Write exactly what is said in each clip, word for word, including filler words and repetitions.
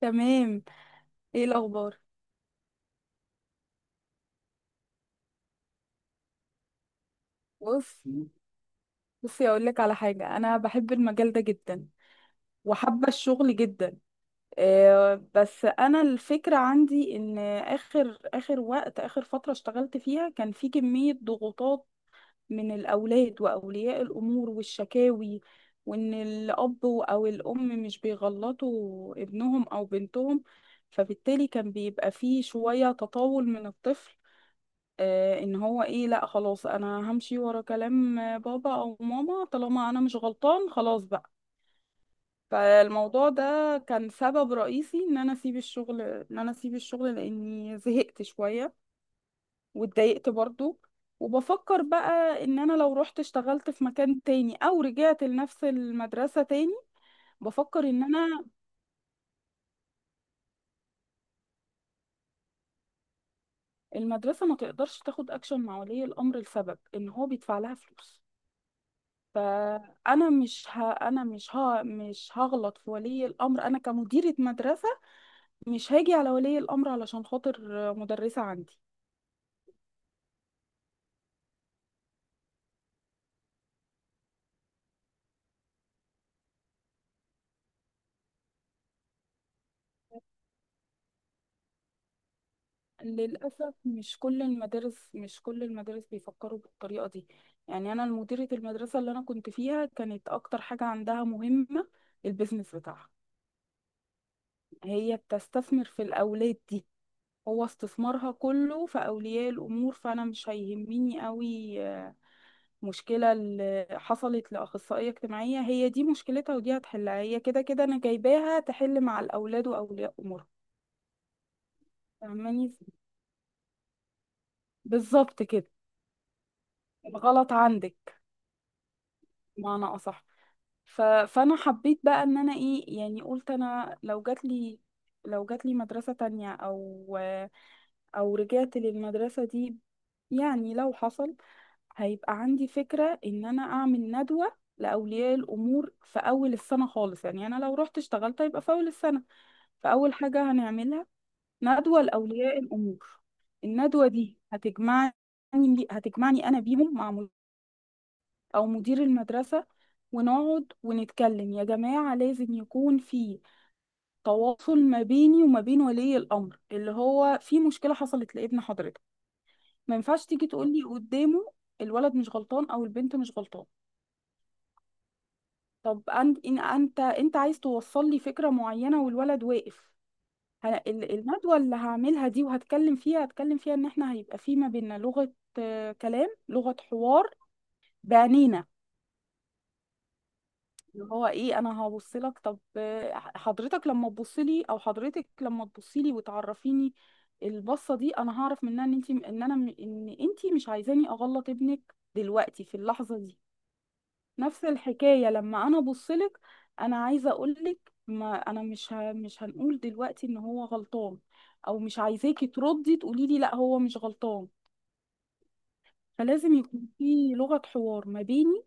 تمام. ايه الاخبار؟ بص بصي اقول لك على حاجه، انا بحب المجال ده جدا، وحابه الشغل جدا. آه، بس انا الفكره عندي ان اخر اخر وقت اخر فتره اشتغلت فيها كان في كميه ضغوطات من الاولاد واولياء الامور والشكاوي، وان الاب او الام مش بيغلطوا ابنهم او بنتهم، فبالتالي كان بيبقى فيه شويه تطاول من الطفل. آه، ان هو ايه، لا خلاص انا همشي ورا كلام آه، بابا او ماما، طالما انا مش غلطان خلاص بقى. فالموضوع ده كان سبب رئيسي ان انا اسيب الشغل ان انا اسيب الشغل لاني زهقت شوية، واتضايقت برضو. وبفكر بقى ان انا لو رحت اشتغلت في مكان تاني او رجعت لنفس المدرسة تاني. بفكر ان انا المدرسة ما تقدرش تاخد اكشن مع ولي الامر لسبب ان هو بيدفع لها فلوس. فانا مش ه... انا مش ه... مش هغلط في ولي الامر انا كمديره مدرسه، مش هاجي على ولي الامر علشان خاطر مدرسه عندي. للاسف، مش كل المدارس مش كل المدارس بيفكروا بالطريقه دي. يعني انا مديره المدرسه اللي انا كنت فيها كانت اكتر حاجه عندها مهمه البيزنس بتاعها، هي بتستثمر في الاولاد دي، هو استثمارها كله في اولياء الامور، فانا مش هيهمني قوي. مشكلة اللي حصلت لأخصائية اجتماعية هي دي مشكلتها ودي هتحلها هي، كده كده أنا جايباها تحل مع الأولاد وأولياء أمورهم. فاهماني؟ بالظبط كده، الغلط عندك، بمعنى أصح. ف... فأنا حبيت بقى إن أنا إيه، يعني قلت أنا لو جاتلي لو جاتلي مدرسة تانية، أو أو رجعت للمدرسة دي، يعني لو حصل، هيبقى عندي فكرة إن أنا أعمل ندوة لأولياء الأمور في أول السنة خالص، يعني أنا لو رحت اشتغلت هيبقى في أول السنة. فأول حاجة هنعملها ندوة لأولياء الأمور. الندوة دي هتجمعني هتجمعني أنا بيهم مع م- أو مدير المدرسة، ونقعد ونتكلم، يا جماعة لازم يكون في تواصل ما بيني وما بين ولي الأمر اللي هو في مشكلة حصلت لابن حضرتك. ما ينفعش تيجي تقولي قدامه الولد مش غلطان أو البنت مش غلطان. طب أنت، إن أنت أنت عايز توصل لي فكرة معينة والولد واقف؟ أنا ال- الندوة اللي هعملها دي وهتكلم فيها، هتكلم فيها ان احنا هيبقى في ما بيننا لغة، آه، كلام، لغة حوار بعينينا. اللي هو ايه، انا هبص لك، طب آه، حضرتك لما تبصي لي، او حضرتك لما تبصي لي وتعرفيني، البصة دي انا هعرف منها ان انت، ان انا ان انت مش عايزاني اغلط ابنك دلوقتي في اللحظة دي. نفس الحكاية لما انا بصلك، انا عايزة اقولك ما انا مش ه... مش هنقول دلوقتي ان هو غلطان، او مش عايزاكي تردي تقولي لي لا هو مش غلطان. فلازم يكون في لغة حوار ما بيني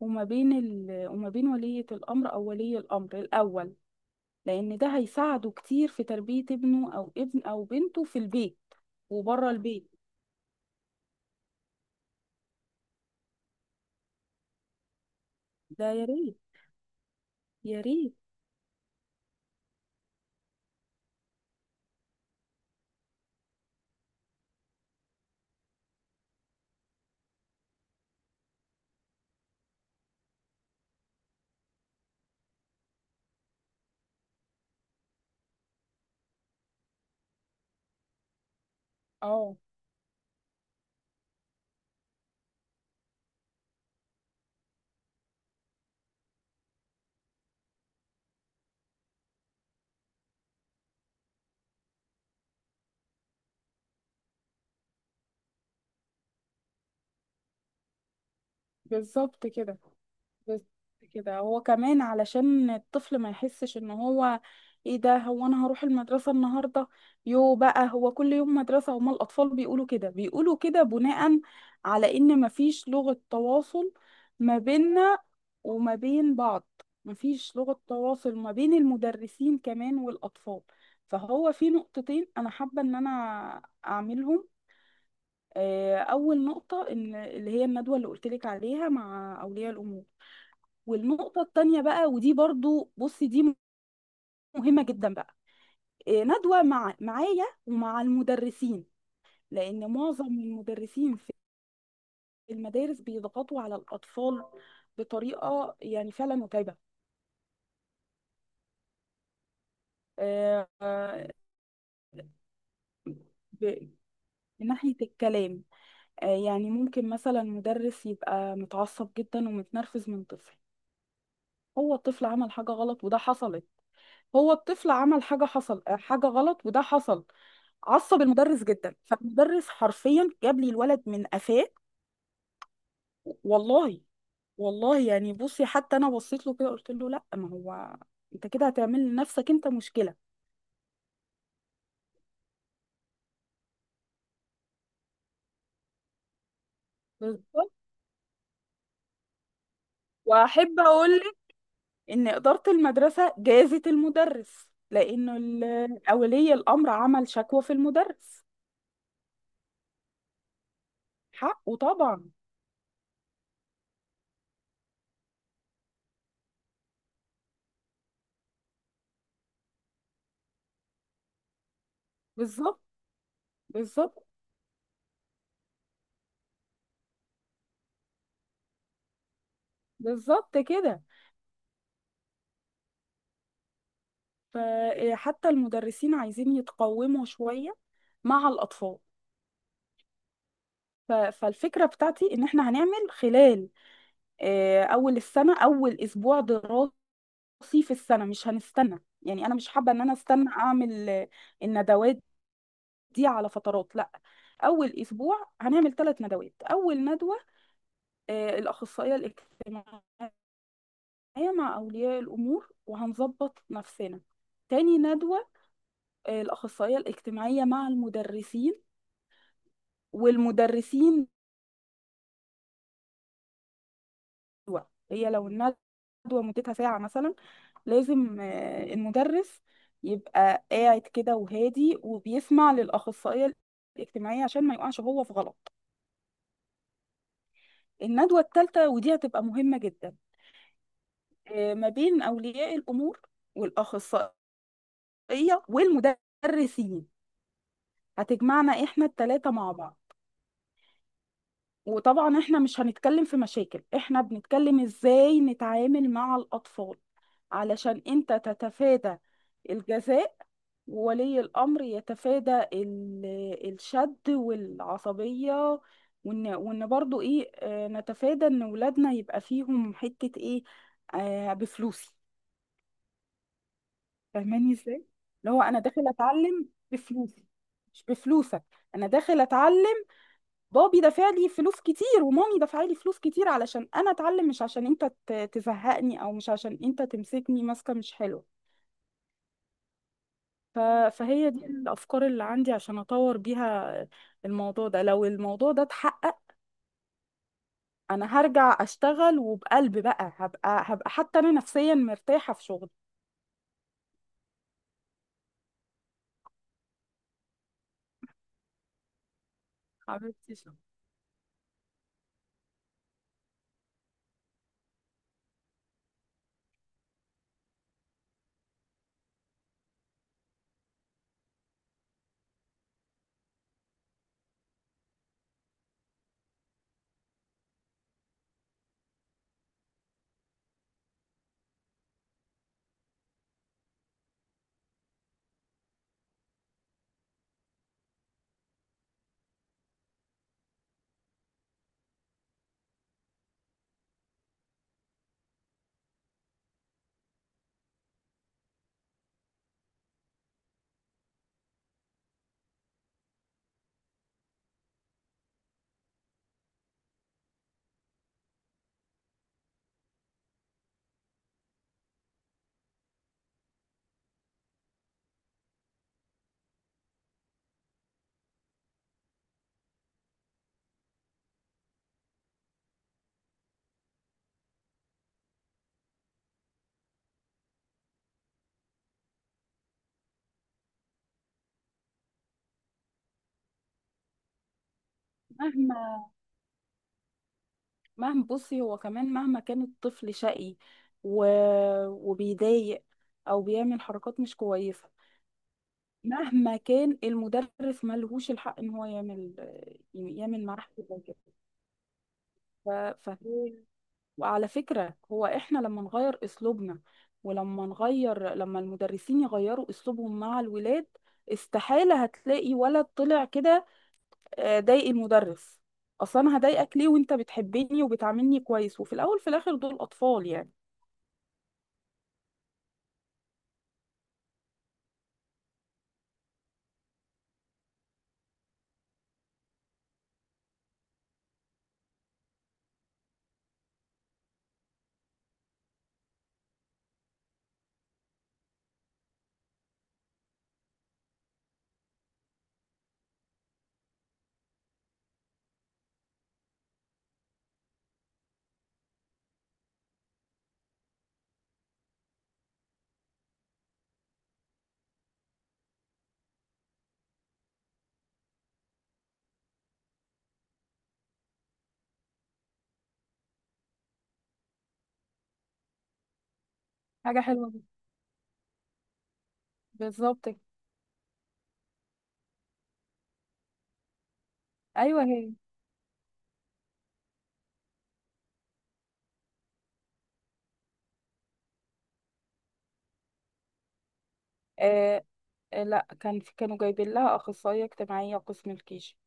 وما بين ال... وما بين ولية الامر او ولي الامر الاول، لان ده هيساعده كتير في تربية ابنه او ابن او بنته في البيت وبره البيت. ده يا ريت، يا ريت. اه، بالظبط كده. بس كده هو كمان علشان الطفل ما يحسش ان هو ايه، ده هو انا هروح المدرسة النهاردة. يو بقى، هو كل يوم مدرسة، هما الاطفال بيقولوا كده، بيقولوا كده بناء على ان مفيش لغة تواصل ما بيننا وما بين بعض، مفيش لغة تواصل ما بين المدرسين كمان والاطفال. فهو في نقطتين انا حابة ان انا اعملهم. آه، اول نقطة ان اللي هي الندوة اللي قلت لك عليها مع اولياء الامور. والنقطة التانية بقى، ودي برضو بصي دي مهمة جدا بقى، إيه، ندوة مع معايا ومع المدرسين، لأن معظم المدرسين في المدارس بيضغطوا على الأطفال بطريقة يعني فعلا متعبة. آه، آه، ب- من ناحية الكلام، آه، يعني ممكن مثلا مدرس يبقى متعصب جدا ومتنرفز من طفل. هو الطفل عمل حاجة غلط وده حصلت هو الطفل عمل حاجة حصل، آه، حاجة غلط وده حصل، عصب المدرس جدا، فالمدرس حرفيا جاب لي الولد من قفاه. والله، والله، يعني بصي حتى انا بصيت له كده، قلت له لا، ما هو انت كده هتعمل لنفسك انت مشكله. بالظبط. واحب اقول لك ان اداره المدرسه جازت المدرس، لانه ال- اولي الامر عمل شكوى في المدرس. حقه طبعا، بالظبط، بالظبط، بالظبط كده. فحتى المدرسين عايزين يتقوموا شويه مع الاطفال. ف- فالفكرة بتاعتي إن إحنا هنعمل خلال آه، أول السنة، أول أسبوع دراسي في السنة، مش هنستنى، يعني أنا مش حابة إن أنا أستنى أعمل آه، الندوات دي على فترات، لا، أول أسبوع هنعمل ثلاث ندوات. أول ندوة آه، الأخصائية الاجتماعية مع أولياء الأمور وهنظبط نفسنا. تاني ندوة آه، الأخصائية الاجتماعية مع المدرسين والمدرسين. الندوة، هي لو الندوة مدتها ساعة مثلا، لازم آه، المدرس يبقى قاعد كده وهادي وبيسمع للأخصائية الاجتماعية عشان ما يقعش هو في غلط. الندوة الثالثة، ودي هتبقى مهمة جدا، آه، ما بين أولياء الأمور والأخصائية والمدرسين، هتجمعنا إحنا الثلاثة مع بعض. وطبعا احنا مش هنتكلم في مشاكل، احنا بنتكلم ازاي نتعامل مع الأطفال، علشان انت تتفادى الجزاء، وولي الأمر يتفادى ال- الشد والعصبية، وإن وإن برضو إيه، آه، نتفادى إن ولادنا يبقى فيهم حتة إيه، آه بفلوسي. فاهماني إزاي؟ اللي هو أنا داخل أتعلم بفلوسي مش بفلوسك، أنا داخل أتعلم، بابي دافع لي فلوس كتير ومامي دافعة لي فلوس كتير علشان أنا أتعلم، مش عشان أنت ت- تزهقني، أو مش عشان أنت تمسكني ماسكة مش حلوة. ف- فهي دي الأفكار اللي عندي عشان أطور بيها الموضوع ده. لو الموضوع ده اتحقق، أنا هرجع أشتغل وبقلب بقى، هبقى هبقى حتى أنا نفسيا مرتاحة في شغلي. حبيبتي شكراً. مهما، مهما بصي هو كمان مهما كان الطفل شقي و... وبيضايق أو بيعمل حركات مش كويسة، مهما كان المدرس ملهوش الحق إن هو يعمل يعمل معاه حاجة زي كده. ف... فهي، وعلى فكرة هو احنا لما نغير اسلوبنا، ولما نغير لما المدرسين يغيروا اسلوبهم مع الولاد، استحالة هتلاقي ولد طلع كده آه، ضايق المدرس. اصلا انا هضايقك ليه وانت بتحبني وبتعاملني كويس، وفي الاول في الاخر دول اطفال يعني. حاجة حلوة جدا، بالظبط كده. أيوة هي. آه آه، لا، كان في كانوا جايبين لها اخصائية اجتماعية قسم الكيجي.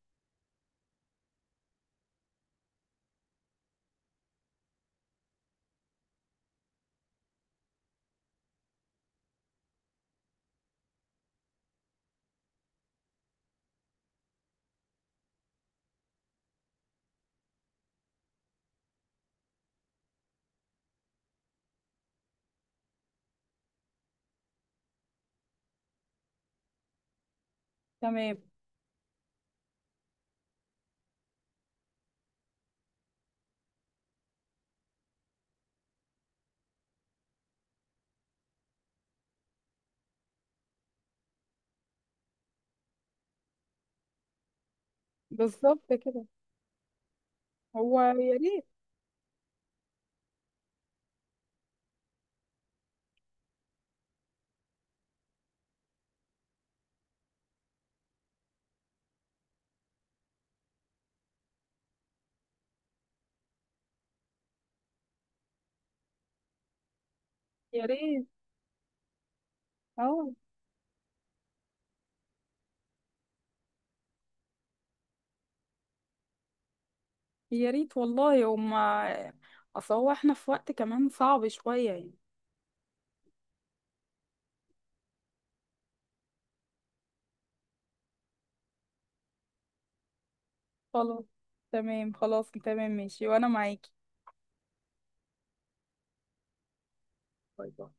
تمام، بالظبط كده، هو يا ريت، يا ريت. اه، يا ريت والله. هما اصل هو احنا في وقت كمان صعب شوية يعني. خلاص، تمام، خلاص تمام ماشي، وانا معاكي. باي باي.